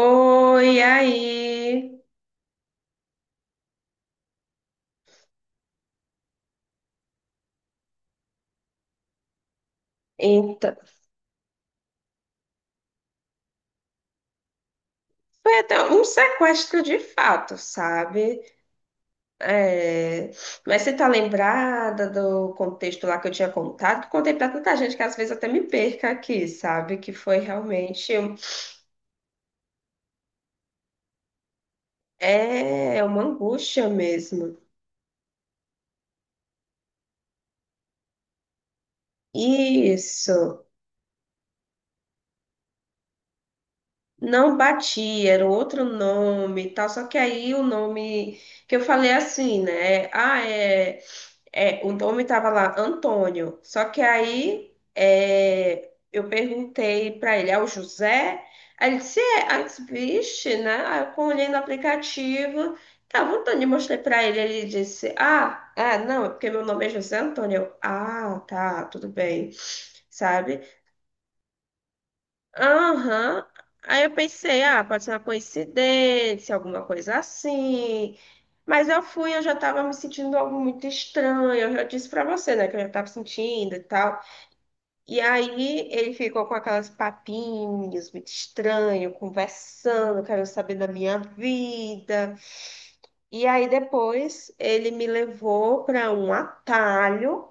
Oi, aí. Então, foi até um sequestro de fato, sabe? É. Mas você tá lembrada do contexto lá que eu tinha contado? Que eu contei pra tanta gente que às vezes até me perca aqui, sabe? Que foi realmente. É uma angústia mesmo. Isso. Não batia, era um outro nome e tal. Só que aí o nome que eu falei assim, né? Ah, o nome tava lá, Antônio. Só que aí eu perguntei pra ele, é o José? Aí ele disse, é. Aí eu disse, vixe, né? Aí eu olhei no aplicativo, tava Antônio, eu mostrei pra ele, ele disse, ah, é, não, é porque meu nome é José Antônio. Eu, ah, tá, tudo bem, sabe? Aham. Aí eu pensei, ah, pode ser uma coincidência, alguma coisa assim. Mas eu fui, eu já estava me sentindo algo muito estranho. Eu já disse para você, né, que eu já estava sentindo e tal. E aí ele ficou com aquelas papinhas muito estranho, conversando, querendo saber da minha vida. E aí depois ele me levou para um atalho.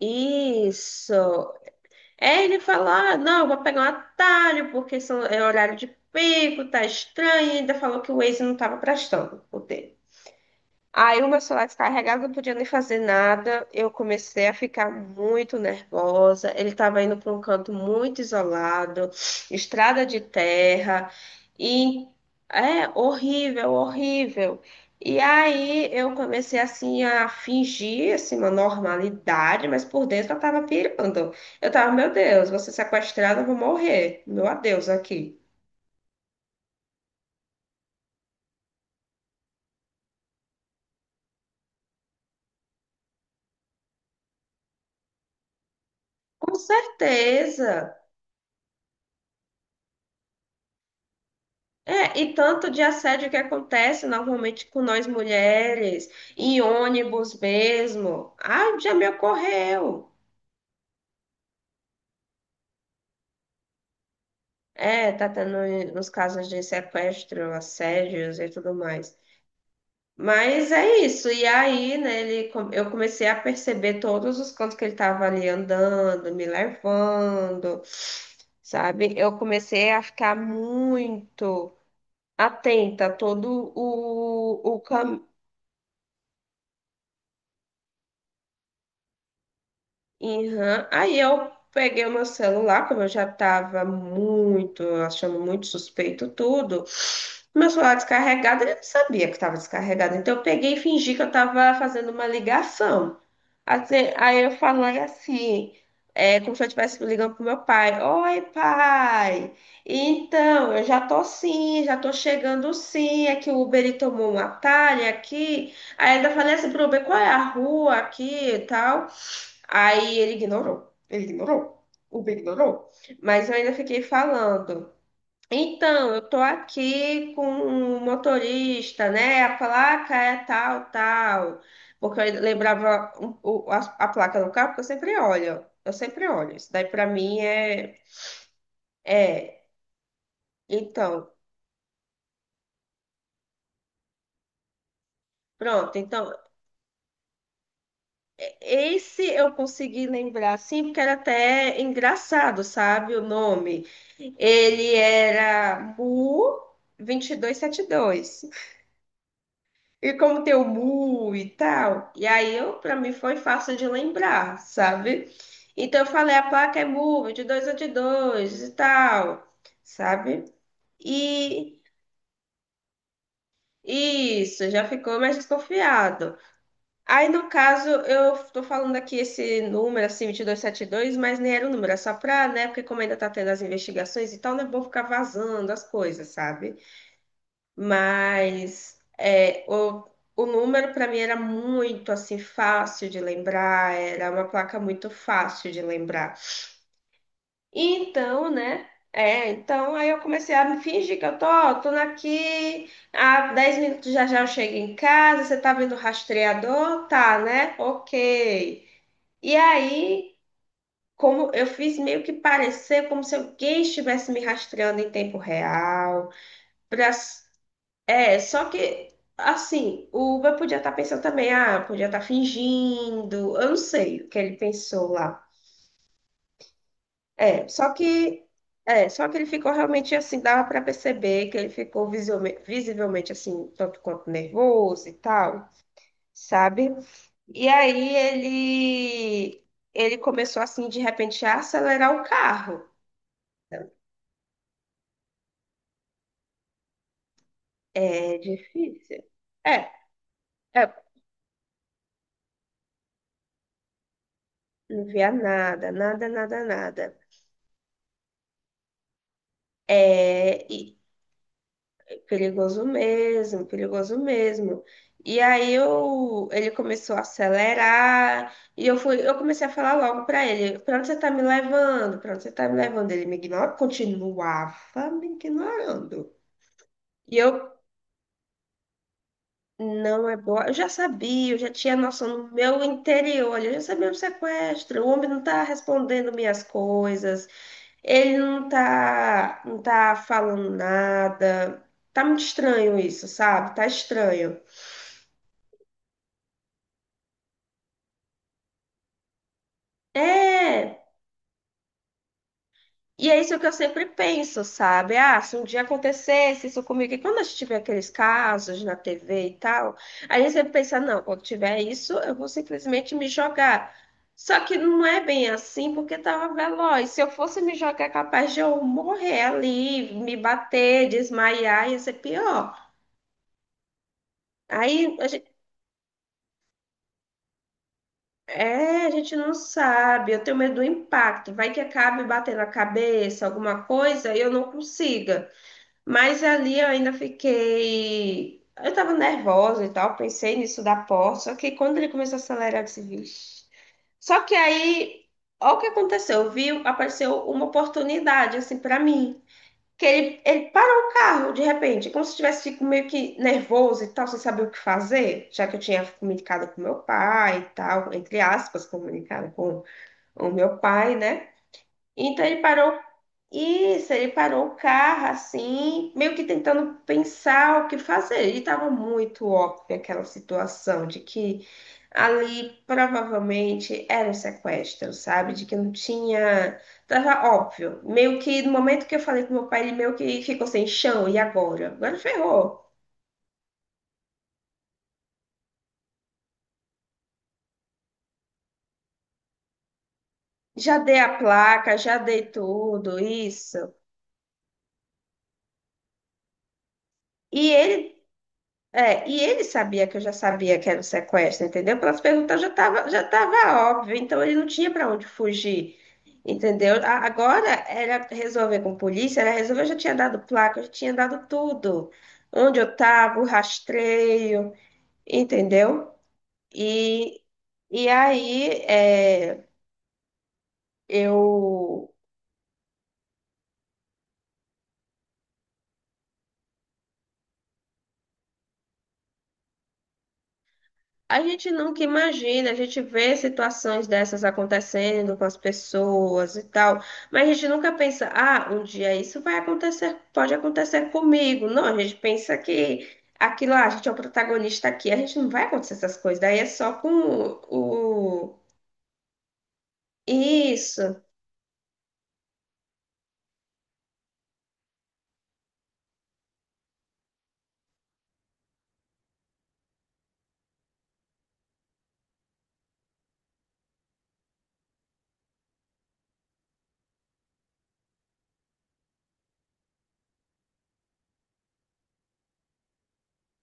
Isso. É, ele fala, ah, não, eu vou pegar um atalho, porque são, é horário de pico, tá estranho, e ainda falou que o Waze não tava prestando o dele. Aí o meu celular descarregado, não podia nem fazer nada. Eu comecei a ficar muito nervosa. Ele estava indo para um canto muito isolado, estrada de terra, e é horrível, horrível. E aí eu comecei assim a fingir assim, uma normalidade, mas por dentro eu estava pirando. Eu tava, meu Deus, vou ser sequestrada, eu vou morrer. Meu adeus aqui. Com certeza. É, e tanto de assédio que acontece normalmente com nós mulheres, em ônibus mesmo. Ah, já me ocorreu. É, tá tendo nos casos de sequestro, assédios e tudo mais. Mas é isso. E aí, né, ele, eu comecei a perceber todos os cantos que ele tava ali andando, me levando, sabe? Eu comecei a ficar muito atenta a todo o. Uhum. Aí eu peguei o meu celular, como eu já estava muito, achando muito suspeito tudo. Meu celular descarregado, ele não sabia que estava descarregado. Então eu peguei e fingi que eu estava fazendo uma ligação. Assim, aí eu falei assim, é, como se eu estivesse ligando pro meu pai. Oi, pai. Então, eu já tô sim, já tô chegando sim. É que o Uber ele tomou um atalho aqui. Aí ainda falei assim pro Uber, qual é a rua aqui e tal. Aí ele ignorou. Ele ignorou. O Uber ignorou. Mas eu ainda fiquei falando. Então, eu tô aqui com o motorista, né? A placa é tal, tal. Porque eu lembrava a placa do carro, porque eu sempre olho. Eu sempre olho. Isso daí pra mim é. É. Então, pronto. Então, esse eu consegui lembrar, assim, porque era até engraçado, sabe? O nome. Ele era Mu 2272. E como tem o Mu e tal, e aí eu para mim foi fácil de lembrar, sabe? Então eu falei, a placa é Mu 2272 e tal, sabe? E isso, já ficou mais desconfiado. Aí no caso, eu tô falando aqui esse número, assim, 2272, mas nem era o número, é só pra, né? Porque como ainda tá tendo as investigações e tal, não é bom ficar vazando as coisas, sabe? Mas é, o número para mim era muito assim fácil de lembrar, era uma placa muito fácil de lembrar. Então, né? É, então aí eu comecei a me fingir que eu tô, ó, tô aqui, há 10 minutos já eu chego em casa, você tá vendo o rastreador? Tá, né? Ok. E aí, como eu fiz meio que parecer como se alguém estivesse me rastreando em tempo real, para. É, só que, assim, o Uber podia estar pensando também, ah, podia estar fingindo, eu não sei o que ele pensou lá. É, só que, só que ele ficou realmente assim, dava para perceber que ele ficou visivelmente assim, um tanto quanto nervoso e tal, sabe? E aí ele, ele começou assim, de repente, a acelerar o carro. É difícil. É, é, não via nada, nada, nada, nada. É, e Perigoso mesmo, perigoso mesmo. E aí ele começou a acelerar e eu fui, eu comecei a falar logo para ele, para onde você tá me levando? Para onde você tá me levando? Ele me ignorava, continuava me ignorando. E eu não é boa, eu já sabia, eu já tinha noção no meu interior, olha, eu já sabia o sequestro, o homem não tá respondendo minhas coisas, ele não tá, não tá falando nada. Tá muito estranho isso, sabe? Tá estranho. É, e é isso que eu sempre penso, sabe? Ah, se um dia acontecesse isso comigo, e quando a gente tiver aqueles casos na TV e tal, aí a sempre pensa, não, quando tiver isso, eu vou simplesmente me jogar. Só que não é bem assim, porque tava veloz. Se eu fosse me jogar, é capaz de eu morrer ali, me bater, desmaiar, ia ser pior. Aí a gente, é, a gente não sabe, eu tenho medo do impacto. Vai que acabe batendo a cabeça, alguma coisa, e eu não consiga. Mas ali eu ainda fiquei. Eu tava nervosa e tal, pensei nisso da porta. Só que quando ele começou a acelerar, eu disse, vixe. Só que aí, olha o que aconteceu, viu? Apareceu uma oportunidade, assim, pra mim. Que ele parou o carro de repente, como se tivesse fico meio que nervoso e tal, sem saber o que fazer, já que eu tinha comunicado com meu pai e tal, entre aspas, comunicado com o meu pai, né? Então ele parou. Isso. Ele parou o carro assim, meio que tentando pensar o que fazer. Ele estava muito óbvio aquela situação de que ali provavelmente era um sequestro, sabe? De que não tinha. Tava óbvio. Meio que no momento que eu falei com meu pai, ele meio que ficou sem chão. E agora? Agora ferrou. Já dei a placa, já dei tudo, isso. E ele É, e ele sabia que eu já sabia que era o sequestro, entendeu? Pelas perguntas já tava óbvio, então ele não tinha para onde fugir, entendeu? Agora era resolver com polícia, era resolver, eu já tinha dado placa, eu já tinha dado tudo. Onde eu estava, o rastreio, entendeu? E, aí eu. A gente nunca imagina, a gente vê situações dessas acontecendo com as pessoas e tal, mas a gente nunca pensa, ah, um dia isso vai acontecer, pode acontecer comigo. Não, a gente pensa que aquilo lá, a gente é o protagonista aqui, a gente não vai acontecer essas coisas, daí é só com o. Isso.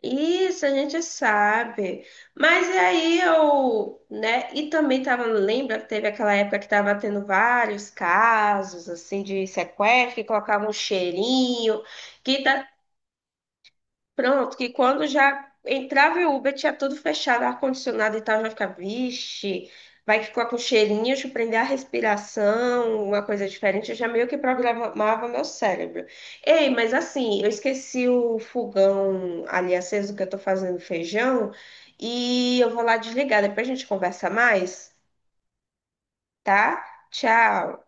Isso, a gente sabe. Mas aí eu, né? E também tava, lembra que teve aquela época que tava tendo vários casos assim de sequestro, que colocavam um cheirinho, que tá pronto, que quando já entrava o Uber, tinha tudo fechado, ar-condicionado e tal, já ficava, vixe, vai ficar com cheirinho, deixa eu prender a respiração, uma coisa diferente. Eu já meio que programava meu cérebro. Ei, mas assim, eu esqueci o fogão ali aceso que eu tô fazendo feijão e eu vou lá desligar, depois a gente conversa mais, tá? Tchau.